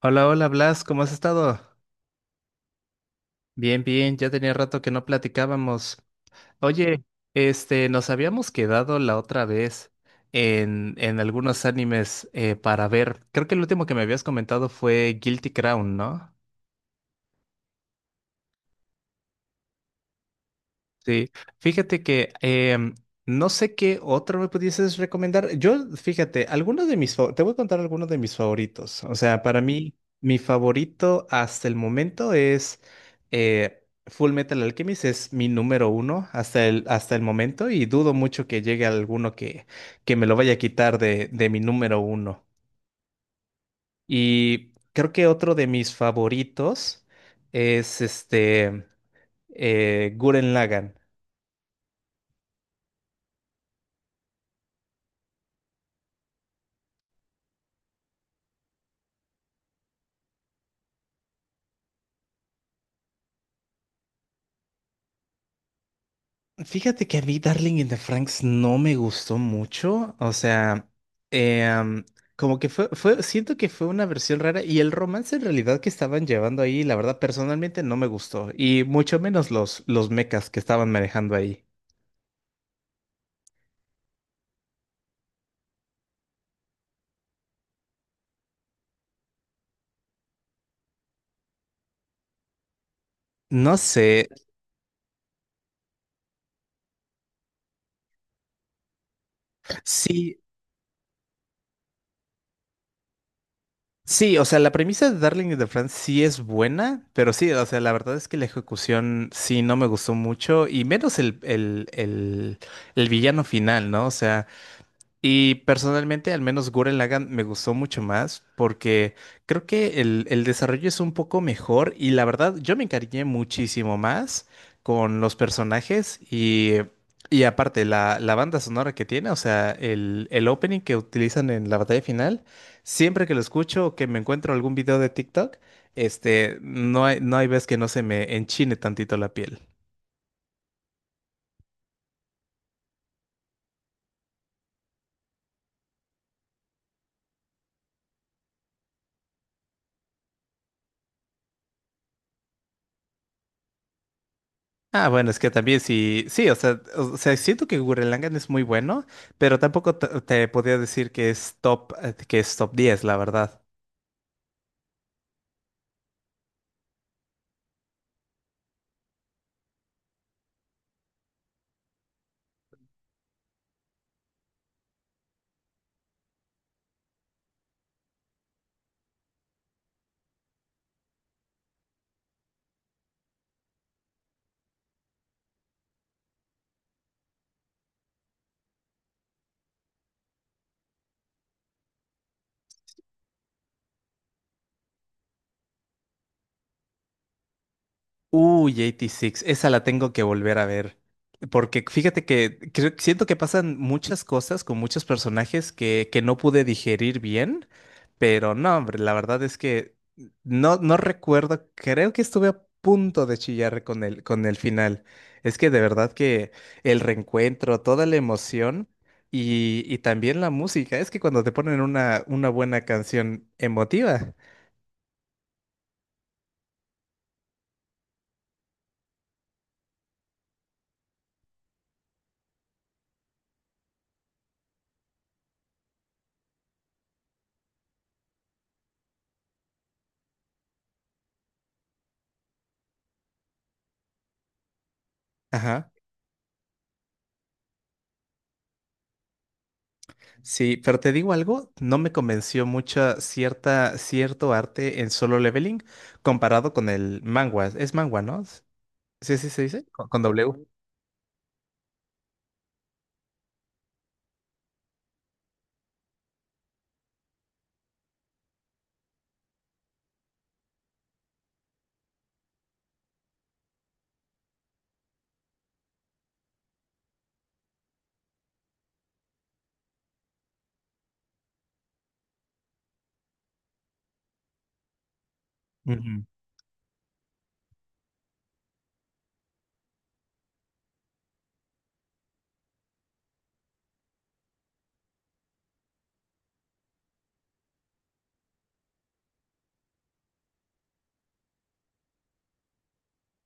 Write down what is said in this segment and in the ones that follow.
Hola, hola Blas, ¿cómo has estado? Bien, bien, ya tenía rato que no platicábamos. Oye, este, nos habíamos quedado la otra vez en algunos animes para ver. Creo que el último que me habías comentado fue Guilty Crown, ¿no? Sí, fíjate que no sé qué otro me pudieses recomendar. Yo, fíjate, algunos de mis, fa- te voy a contar algunos de mis favoritos. O sea, para mí, mi favorito hasta el momento es Full Metal Alchemist, es mi número uno hasta el momento y dudo mucho que llegue alguno que me lo vaya a quitar de mi número uno. Y creo que otro de mis favoritos es este Gurren Lagann. Fíjate que a mí Darling in the Franks no me gustó mucho, o sea, em, como que siento que fue una versión rara y el romance en realidad que estaban llevando ahí, la verdad personalmente no me gustó y mucho menos los mechas que estaban manejando ahí. No sé, sí, sí, o sea, la premisa de Darling in the Franxx sí es buena, pero sí, o sea, la verdad es que la ejecución sí no me gustó mucho y menos el villano final, ¿no? O sea. Y personalmente, al menos Gurren Lagann me gustó mucho más porque creo que el desarrollo es un poco mejor y la verdad yo me encariñé muchísimo más con los personajes y aparte la banda sonora que tiene, o sea, el opening que utilizan en la batalla final, siempre que lo escucho o que me encuentro algún video de TikTok, este, no hay vez que no se me enchine tantito la piel. Ah, bueno, es que también sí, sí, o sea, siento que Gurren Lagann es muy bueno, pero tampoco te podría decir que es top 10, la verdad. Uy, 86, esa la tengo que volver a ver. Porque fíjate que siento que pasan muchas cosas con muchos personajes que no pude digerir bien, pero no, hombre, la verdad es que no recuerdo, creo que estuve a punto de chillar con el final. Es que de verdad que el reencuentro, toda la emoción y también la música, es que cuando te ponen una buena canción emotiva, ajá. Sí, pero te digo algo, no me convenció mucho cierta, cierto arte en Solo Leveling comparado con el manga. Es manga, ¿no? Sí, sí se dice, con W. Ujú.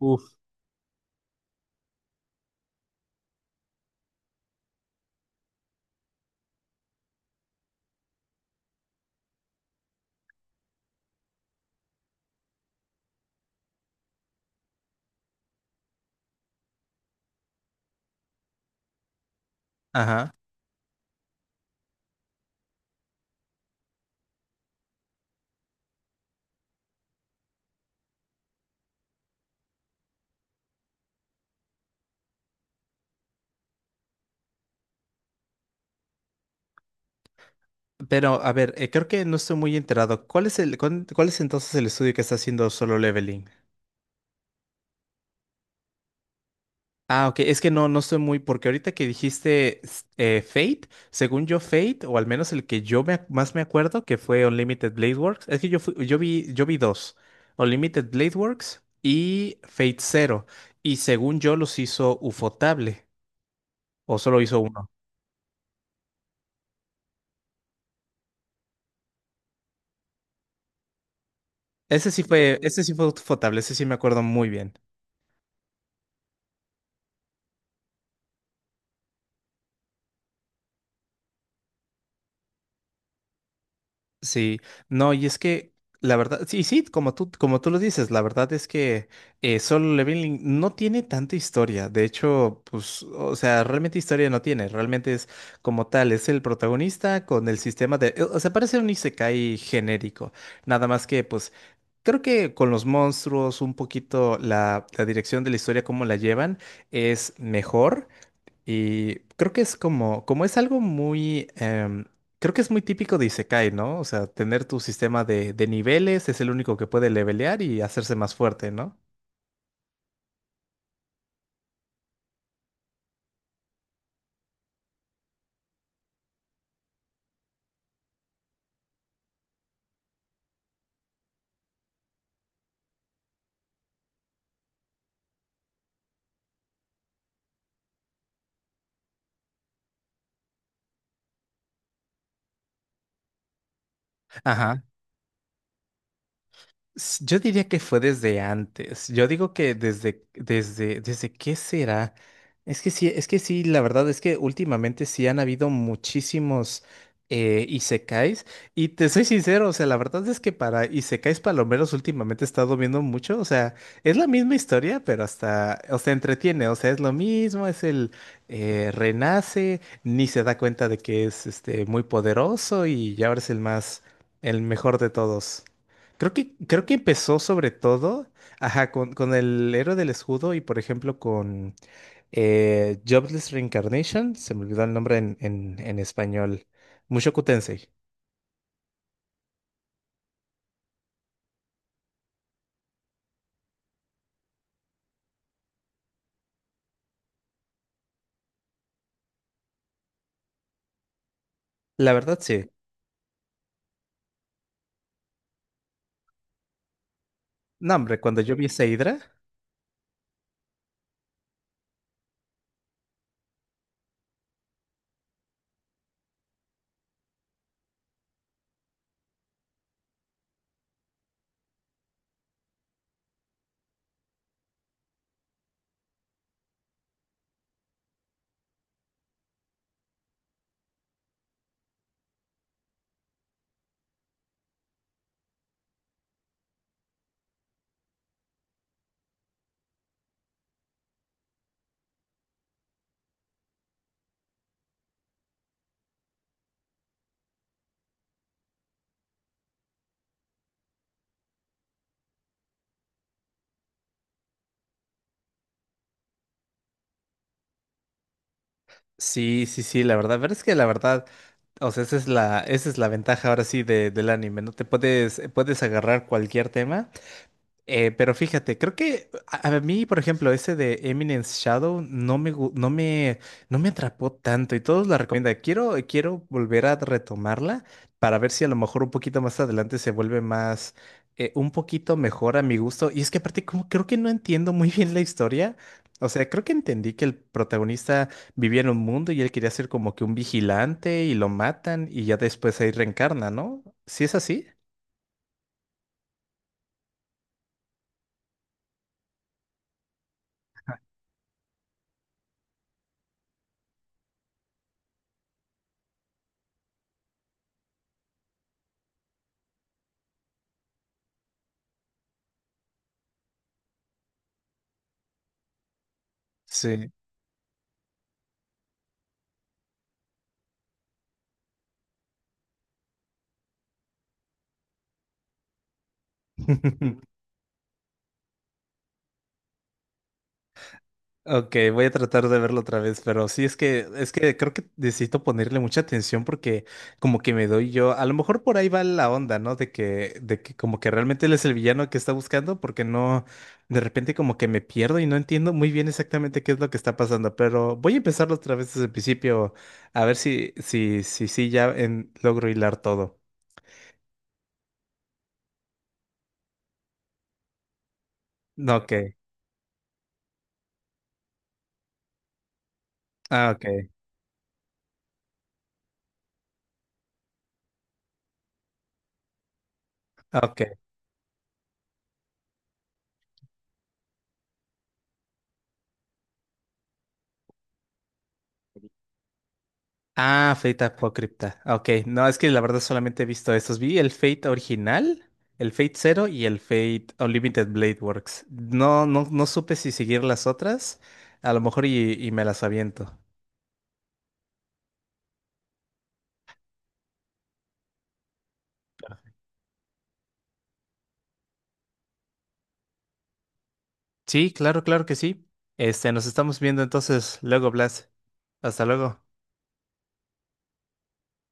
Uf. Ajá. Pero, a ver, creo que no estoy muy enterado. ¿Cuál es entonces el estudio que está haciendo Solo Leveling? Ah, ok, es que no, no estoy muy, porque ahorita que dijiste Fate, según yo Fate, o al menos el que más me acuerdo, que fue Unlimited Blade Works, es que yo vi dos, Unlimited Blade Works y Fate Zero, y según yo los hizo Ufotable, o solo hizo uno. Ese sí fue Ufotable, ese sí me acuerdo muy bien. Sí, no, y es que la verdad, sí, sí, como tú lo dices, la verdad es que Solo Leveling no tiene tanta historia. De hecho, pues, o sea, realmente historia no tiene. Realmente es como tal, es el protagonista con el sistema o sea, parece un isekai genérico. Nada más que, pues, creo que con los monstruos, un poquito la dirección de la historia, cómo la llevan, es mejor. Y creo que es como, como es algo muy, creo que es muy típico de isekai, ¿no? O sea, tener tu sistema de niveles es el único que puede levelear y hacerse más fuerte, ¿no? Ajá. Yo diría que fue desde antes. Yo digo que desde qué será. Es que sí, la verdad es que últimamente sí han habido muchísimos isekais. Y te soy sincero, o sea, la verdad es que para isekais palomeros últimamente he estado viendo mucho. O sea, es la misma historia, pero hasta, o sea, entretiene. O sea, es lo mismo, es el renace, ni se da cuenta de que es este muy poderoso y ya ahora es el más, el mejor de todos. Creo que empezó sobre todo, ajá, con el héroe del escudo y por ejemplo con Jobless Reincarnation, se me olvidó el nombre en español, Mushoku Tensei. La verdad sí. No, hombre, cuando yo vi esa Hydra, sí, sí, sí, la verdad, pero es que la verdad, o sea, esa es la ventaja ahora sí de, del anime, ¿no? Puedes agarrar cualquier tema. Pero fíjate, creo que a mí, por ejemplo, ese de Eminence Shadow no me, gu- no me, no me atrapó tanto y todos la recomiendan. Quiero volver a retomarla para ver si a lo mejor un poquito más adelante se vuelve más, un poquito mejor a mi gusto. Y es que aparte, como creo que no entiendo muy bien la historia. O sea, creo que entendí que el protagonista vivía en un mundo y él quería ser como que un vigilante y lo matan y ya después ahí reencarna, ¿no? ¿Sí es así? Sí. Ok, voy a tratar de verlo otra vez, pero sí es que creo que necesito ponerle mucha atención porque como que me doy yo, a lo mejor por ahí va la onda, ¿no? De que como que realmente él es el villano que está buscando porque no de repente como que me pierdo y no entiendo muy bien exactamente qué es lo que está pasando, pero voy a empezarlo otra vez desde el principio a ver si logro hilar todo. No, ok. Ah, ok. Ok. Ah, Fate Apócripta. Ok, no, es que la verdad solamente he visto estos. Vi el Fate original, el Fate Zero y el Fate Unlimited Blade Works. No, no, no supe si seguir las otras. A lo mejor y me las aviento. Sí, claro, claro que sí. Este, nos estamos viendo entonces luego, Blas. Hasta luego.